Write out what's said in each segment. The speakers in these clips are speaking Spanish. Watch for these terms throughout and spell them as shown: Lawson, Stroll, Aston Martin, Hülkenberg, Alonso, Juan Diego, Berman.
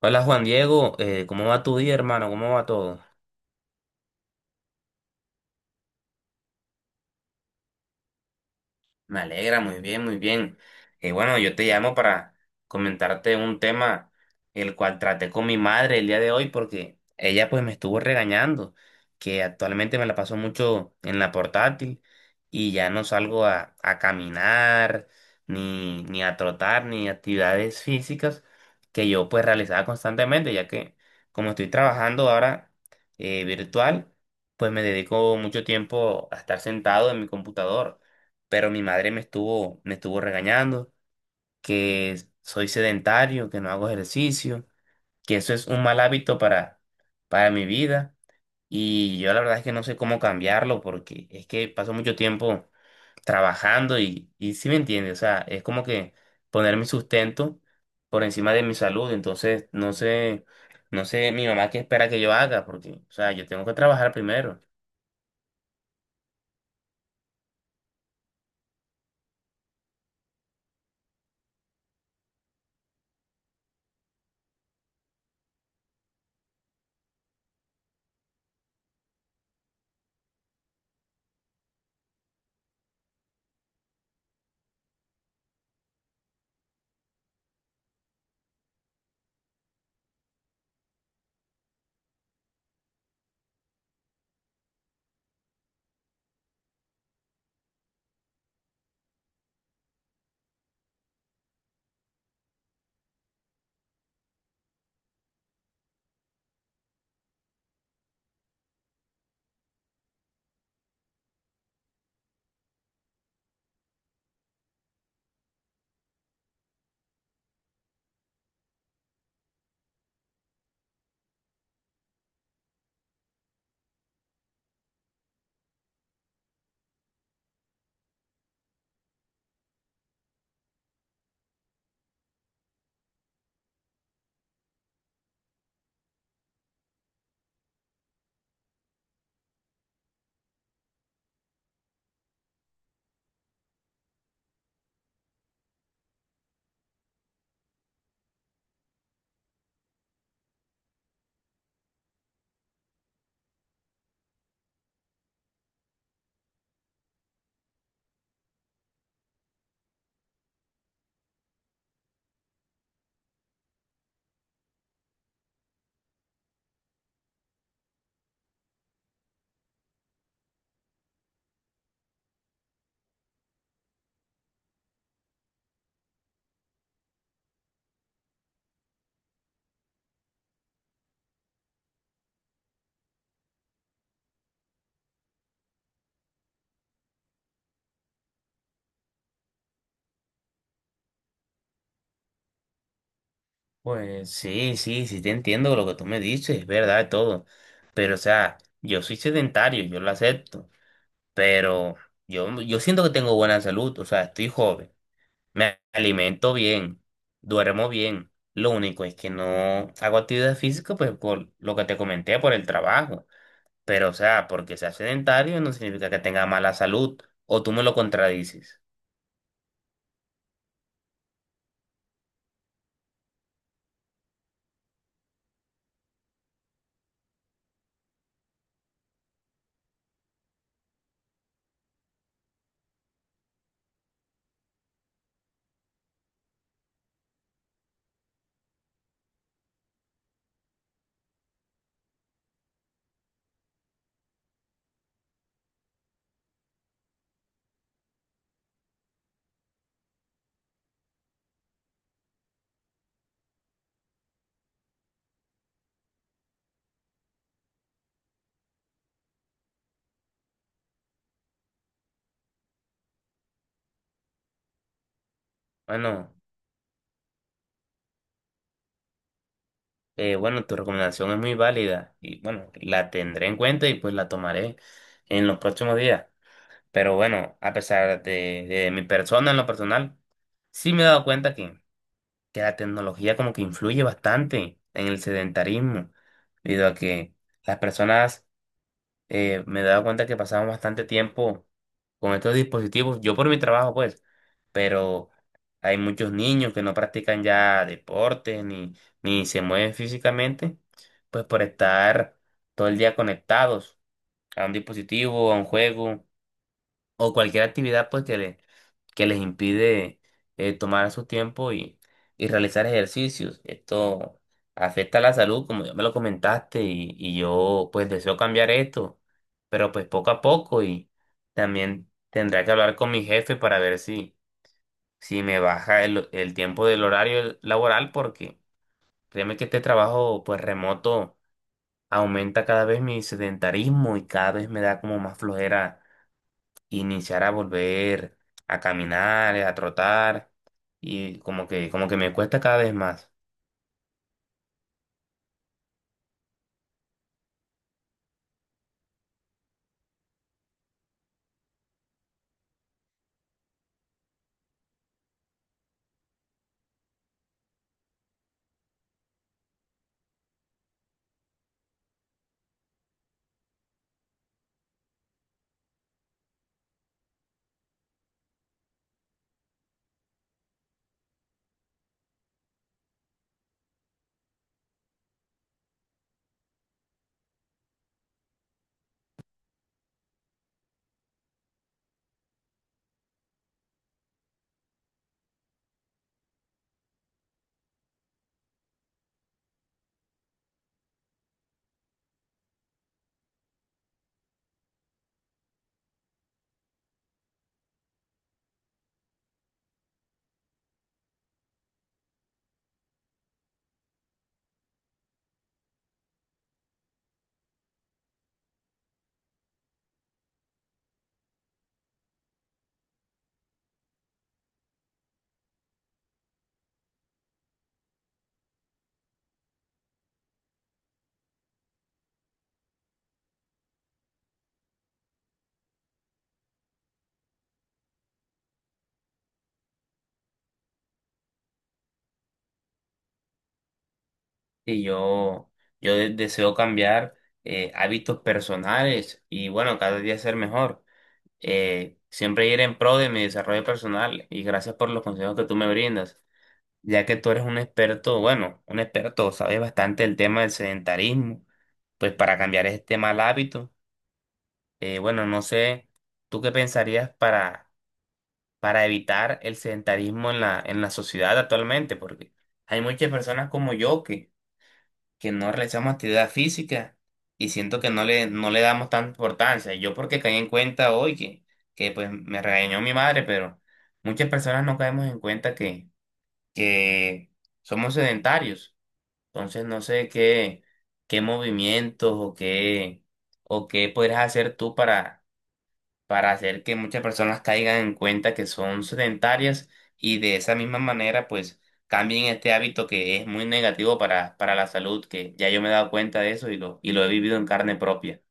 Hola Juan Diego, ¿cómo va tu día, hermano? ¿Cómo va todo? Me alegra, muy bien, muy bien. Y bueno, yo te llamo para comentarte un tema el cual traté con mi madre el día de hoy porque ella pues me estuvo regañando, que actualmente me la paso mucho en la portátil y ya no salgo a caminar, ni a trotar, ni actividades físicas que yo pues realizaba constantemente, ya que como estoy trabajando ahora virtual, pues me dedico mucho tiempo a estar sentado en mi computador, pero mi madre me estuvo regañando, que soy sedentario, que no hago ejercicio, que eso es un mal hábito para mi vida. Y yo la verdad es que no sé cómo cambiarlo porque es que paso mucho tiempo trabajando y sí me entiende, o sea, es como que poner mi sustento por encima de mi salud, entonces no sé, no sé mi mamá qué espera que yo haga porque, o sea, yo tengo que trabajar primero. Pues sí, sí, sí te entiendo lo que tú me dices, es verdad todo. Pero, o sea, yo soy sedentario, yo lo acepto. Pero yo siento que tengo buena salud, o sea, estoy joven, me alimento bien, duermo bien. Lo único es que no hago actividad física, pues por lo que te comenté, por el trabajo. Pero, o sea, porque sea sedentario no significa que tenga mala salud. O tú me lo contradices. Bueno. Bueno, tu recomendación es muy válida y bueno, la tendré en cuenta y pues la tomaré en los próximos días. Pero bueno, a pesar de mi persona en lo personal, sí me he dado cuenta que la tecnología como que influye bastante en el sedentarismo, debido a que las personas me daba cuenta que pasaban bastante tiempo con estos dispositivos, yo por mi trabajo pues, pero hay muchos niños que no practican ya deportes ni se mueven físicamente, pues por estar todo el día conectados a un dispositivo, a un juego o cualquier actividad pues que, que les impide tomar su tiempo y realizar ejercicios. Esto afecta a la salud, como ya me lo comentaste, y yo pues deseo cambiar esto, pero pues poco a poco y también tendré que hablar con mi jefe para ver si, si me baja el tiempo del horario laboral porque créeme que este trabajo pues remoto aumenta cada vez mi sedentarismo y cada vez me da como más flojera iniciar a volver a caminar, a trotar, y como que me cuesta cada vez más. Y yo deseo cambiar hábitos personales y bueno, cada día ser mejor. Siempre ir en pro de mi desarrollo personal, y gracias por los consejos que tú me brindas, ya que tú eres un experto, bueno, un experto, sabes bastante el tema del sedentarismo, pues para cambiar este mal hábito, bueno, no sé, ¿tú qué pensarías para evitar el sedentarismo en en la sociedad actualmente? Porque hay muchas personas como yo que no realizamos actividad física y siento que no no le damos tanta importancia. Yo porque caí en cuenta hoy que pues me regañó mi madre, pero muchas personas no caemos en cuenta que somos sedentarios. Entonces no sé qué, qué movimientos o qué podrías hacer tú para hacer que muchas personas caigan en cuenta que son sedentarias, y de esa misma manera pues cambien este hábito que es muy negativo para la salud, que ya yo me he dado cuenta de eso y lo he vivido en carne propia.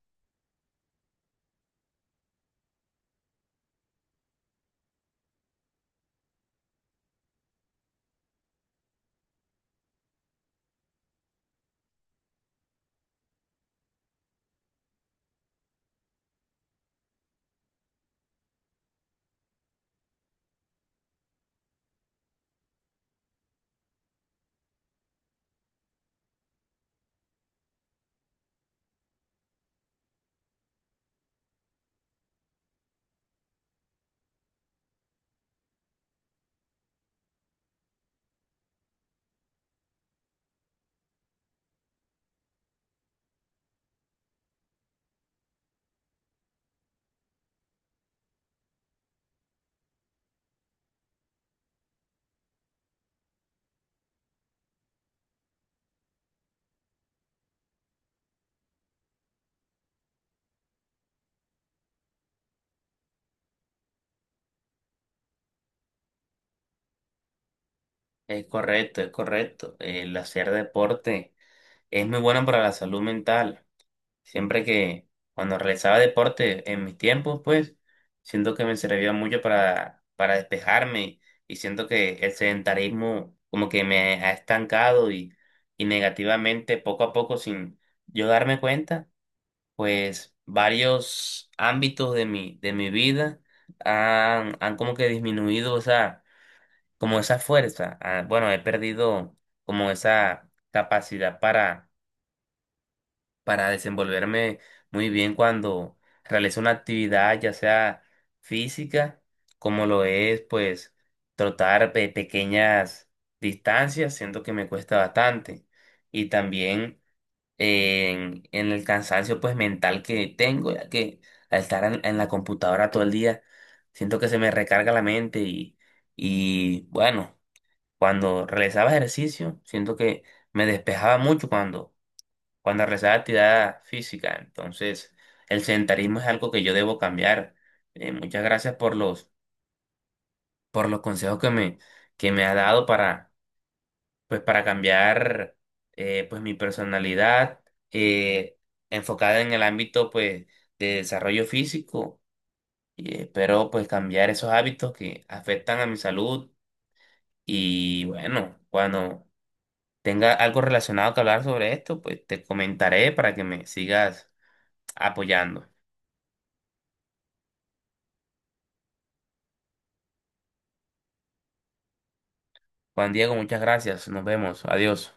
Es correcto, es correcto. El hacer deporte es muy bueno para la salud mental. Siempre que cuando realizaba deporte en mis tiempos, pues, siento que me servía mucho para despejarme y siento que el sedentarismo como que me ha estancado y negativamente poco a poco sin yo darme cuenta, pues varios ámbitos de de mi vida han como que disminuido esa, como esa fuerza. Ah, bueno, he perdido como esa capacidad para desenvolverme muy bien cuando realizo una actividad, ya sea física, como lo es, pues, trotar pequeñas distancias, siento que me cuesta bastante. Y también en el cansancio, pues, mental que tengo, ya que al estar en la computadora todo el día, siento que se me recarga la mente y bueno, cuando realizaba ejercicio, siento que me despejaba mucho cuando realizaba actividad física. Entonces, el sedentarismo es algo que yo debo cambiar. Muchas gracias por por los consejos que que me ha dado para, pues, para cambiar pues, mi personalidad eh, enfocada en el ámbito, pues, de desarrollo físico. Y espero pues cambiar esos hábitos que afectan a mi salud. Y bueno, cuando tenga algo relacionado que hablar sobre esto, pues te comentaré para que me sigas apoyando. Juan Diego, muchas gracias. Nos vemos. Adiós.